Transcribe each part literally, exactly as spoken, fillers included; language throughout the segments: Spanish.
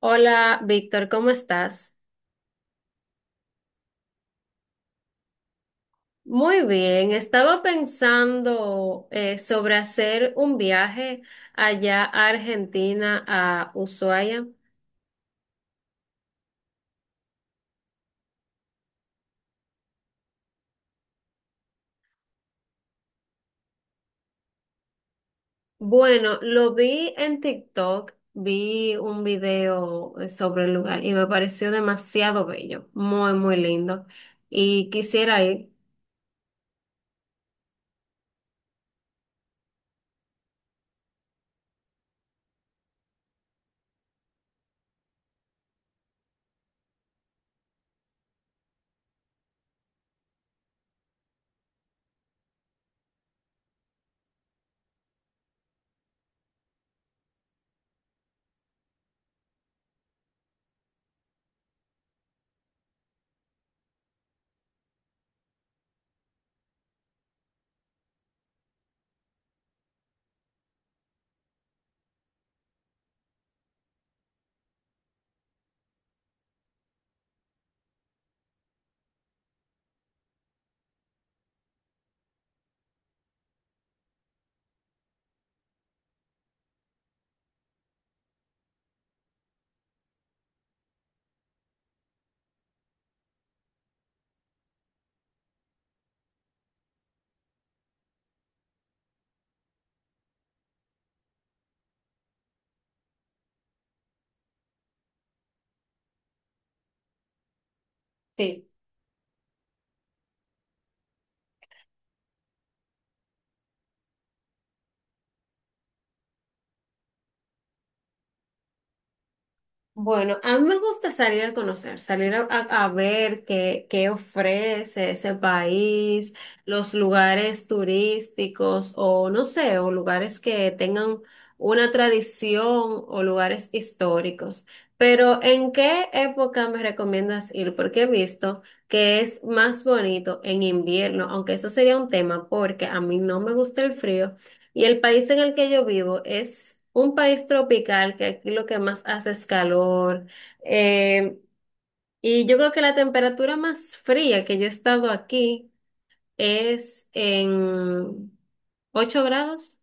Hola, Víctor, ¿cómo estás? Muy bien, estaba pensando eh, sobre hacer un viaje allá a Argentina, a Ushuaia. Bueno, lo vi en TikTok, vi un video eh, sobre el lugar y me pareció demasiado bello, muy, muy lindo. Y quisiera ir. Sí. Bueno, a mí me gusta salir a conocer, salir a, a- a ver qué, qué ofrece ese país, los lugares turísticos o no sé, o lugares que tengan una tradición o lugares históricos. Pero ¿en qué época me recomiendas ir? Porque he visto que es más bonito en invierno, aunque eso sería un tema porque a mí no me gusta el frío. Y el país en el que yo vivo es un país tropical, que aquí lo que más hace es calor. Eh, y yo creo que la temperatura más fría que yo he estado aquí es en ocho grados.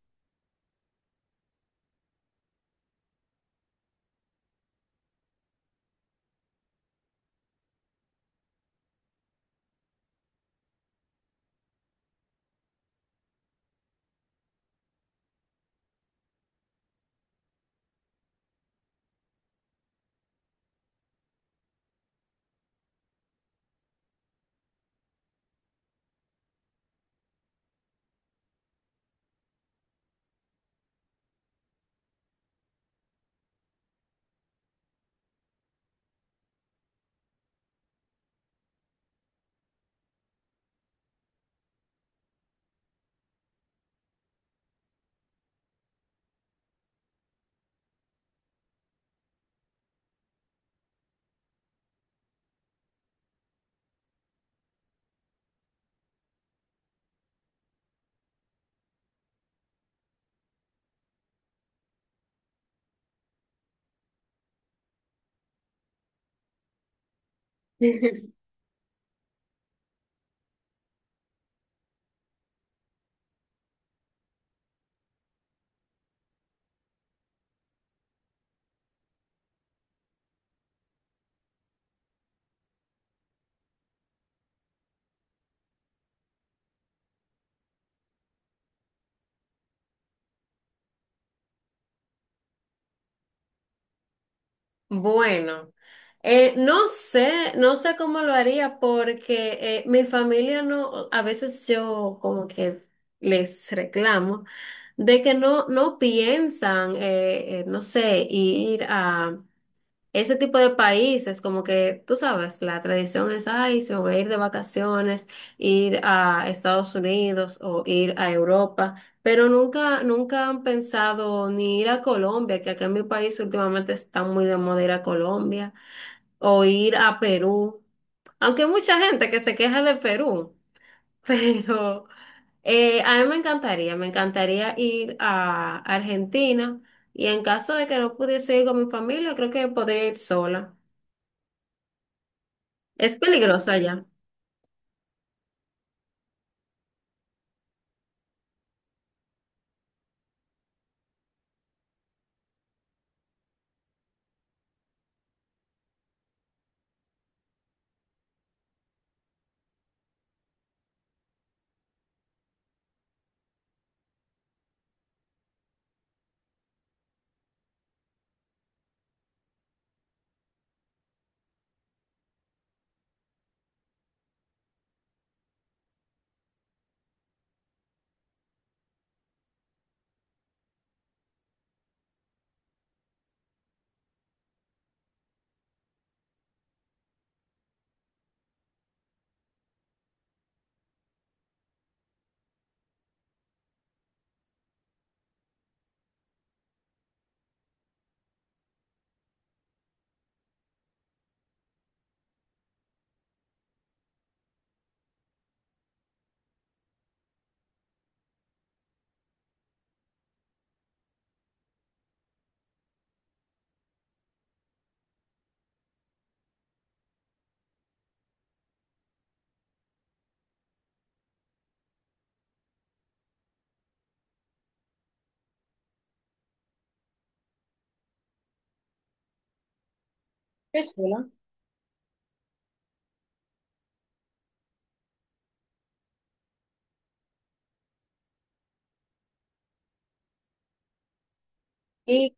Bueno, eh, no sé, no sé cómo lo haría porque eh, mi familia no, a veces yo como que les reclamo de que no, no piensan, eh, eh, no sé, ir a ese tipo de países, como que tú sabes, la tradición es, ay, se van a ir de vacaciones, ir a Estados Unidos o ir a Europa, pero nunca, nunca han pensado ni ir a Colombia, que acá en mi país últimamente está muy de moda ir a Colombia, o ir a Perú, aunque hay mucha gente que se queja de Perú, pero eh, a mí me encantaría, me encantaría ir a Argentina, y en caso de que no pudiese ir con mi familia, creo que podría ir sola. Es peligroso allá. Qué chulo. Y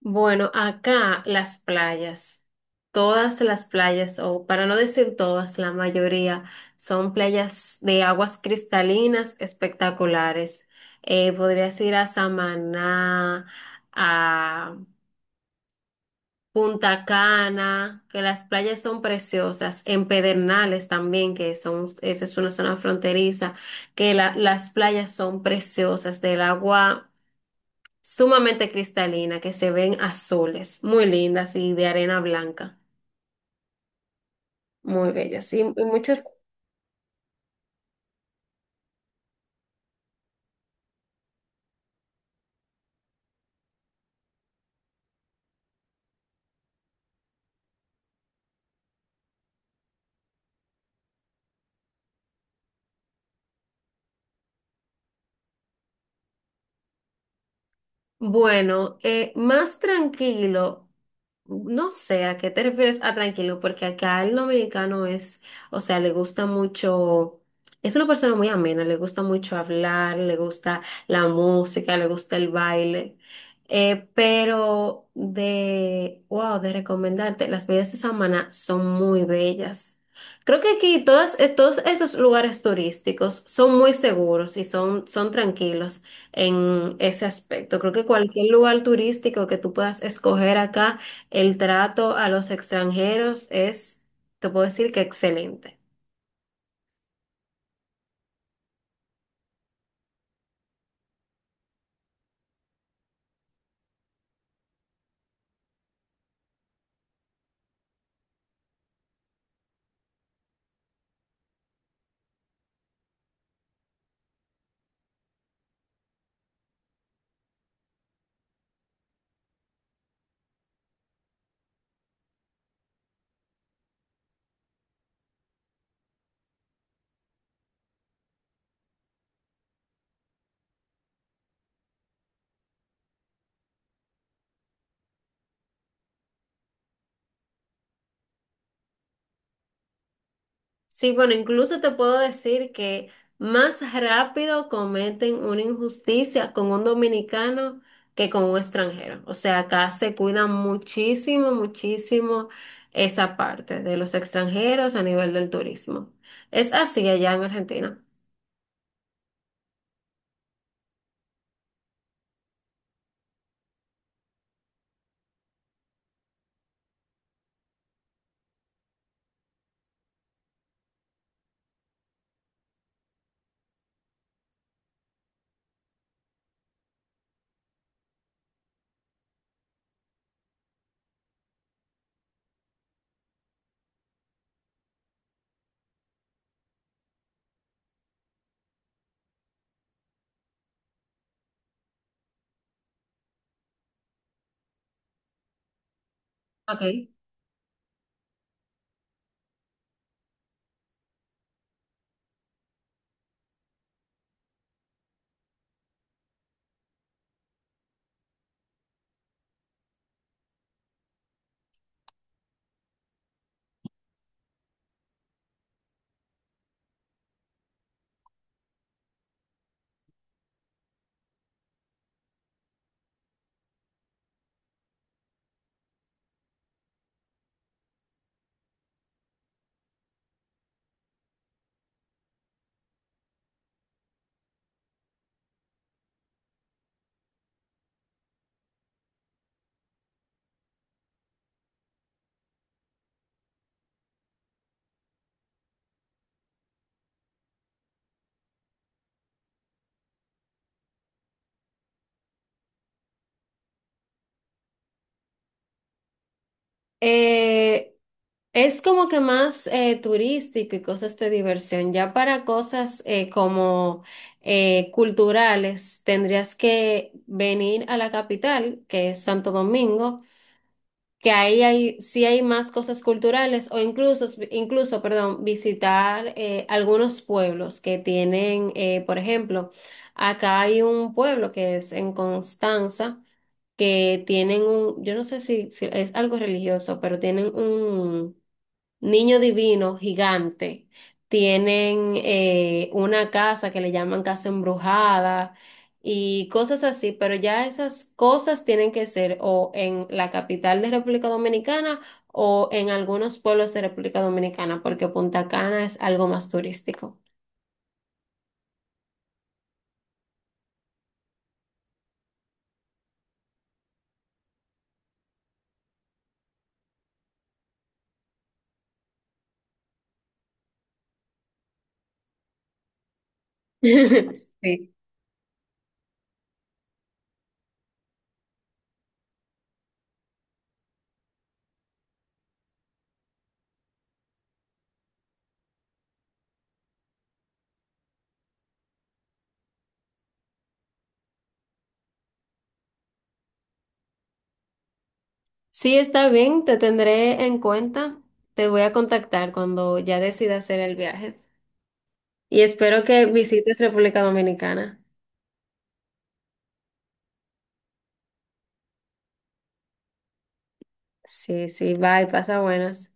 bueno, acá las playas, todas las playas, o para no decir todas, la mayoría son playas de aguas cristalinas espectaculares. Eh, podrías ir a Samaná, a Punta Cana, que las playas son preciosas, en Pedernales también, que son, esa es una zona fronteriza, que la- las playas son preciosas, del agua sumamente cristalina, que se ven azules, muy lindas y de arena blanca, muy bellas. Y, y muchos, bueno, eh, más tranquilo, no sé a qué te refieres a tranquilo, porque acá el dominicano es, o sea, le gusta mucho, es una persona muy amena, le gusta mucho hablar, le gusta la música, le gusta el baile, eh, pero de, wow, de recomendarte, las playas de Samaná son muy bellas. Creo que aquí todas, eh, todos esos lugares turísticos son muy seguros y son, son tranquilos en ese aspecto. Creo que cualquier lugar turístico que tú puedas escoger acá, el trato a los extranjeros es, te puedo decir que excelente. Sí, bueno, incluso te puedo decir que más rápido cometen una injusticia con un dominicano que con un extranjero. O sea, acá se cuida muchísimo, muchísimo esa parte de los extranjeros a nivel del turismo. Es así allá en Argentina. Ok. Eh, es como que más eh, turístico y cosas de diversión. Ya para cosas eh, como eh, culturales, tendrías que venir a la capital, que es Santo Domingo, que ahí hay, sí hay más cosas culturales o incluso, incluso, perdón, visitar eh, algunos pueblos que tienen, eh, por ejemplo, acá hay un pueblo que es en Constanza que tienen un, yo no sé si, si es algo religioso, pero tienen un niño divino gigante. Tienen eh, una casa que le llaman casa embrujada y cosas así, pero ya esas cosas tienen que ser o en la capital de República Dominicana o en algunos pueblos de República Dominicana, porque Punta Cana es algo más turístico. Sí. Sí, está bien, te tendré en cuenta. Te voy a contactar cuando ya decida hacer el viaje. Y espero que visites República Dominicana. Sí, sí, bye, pasa buenas.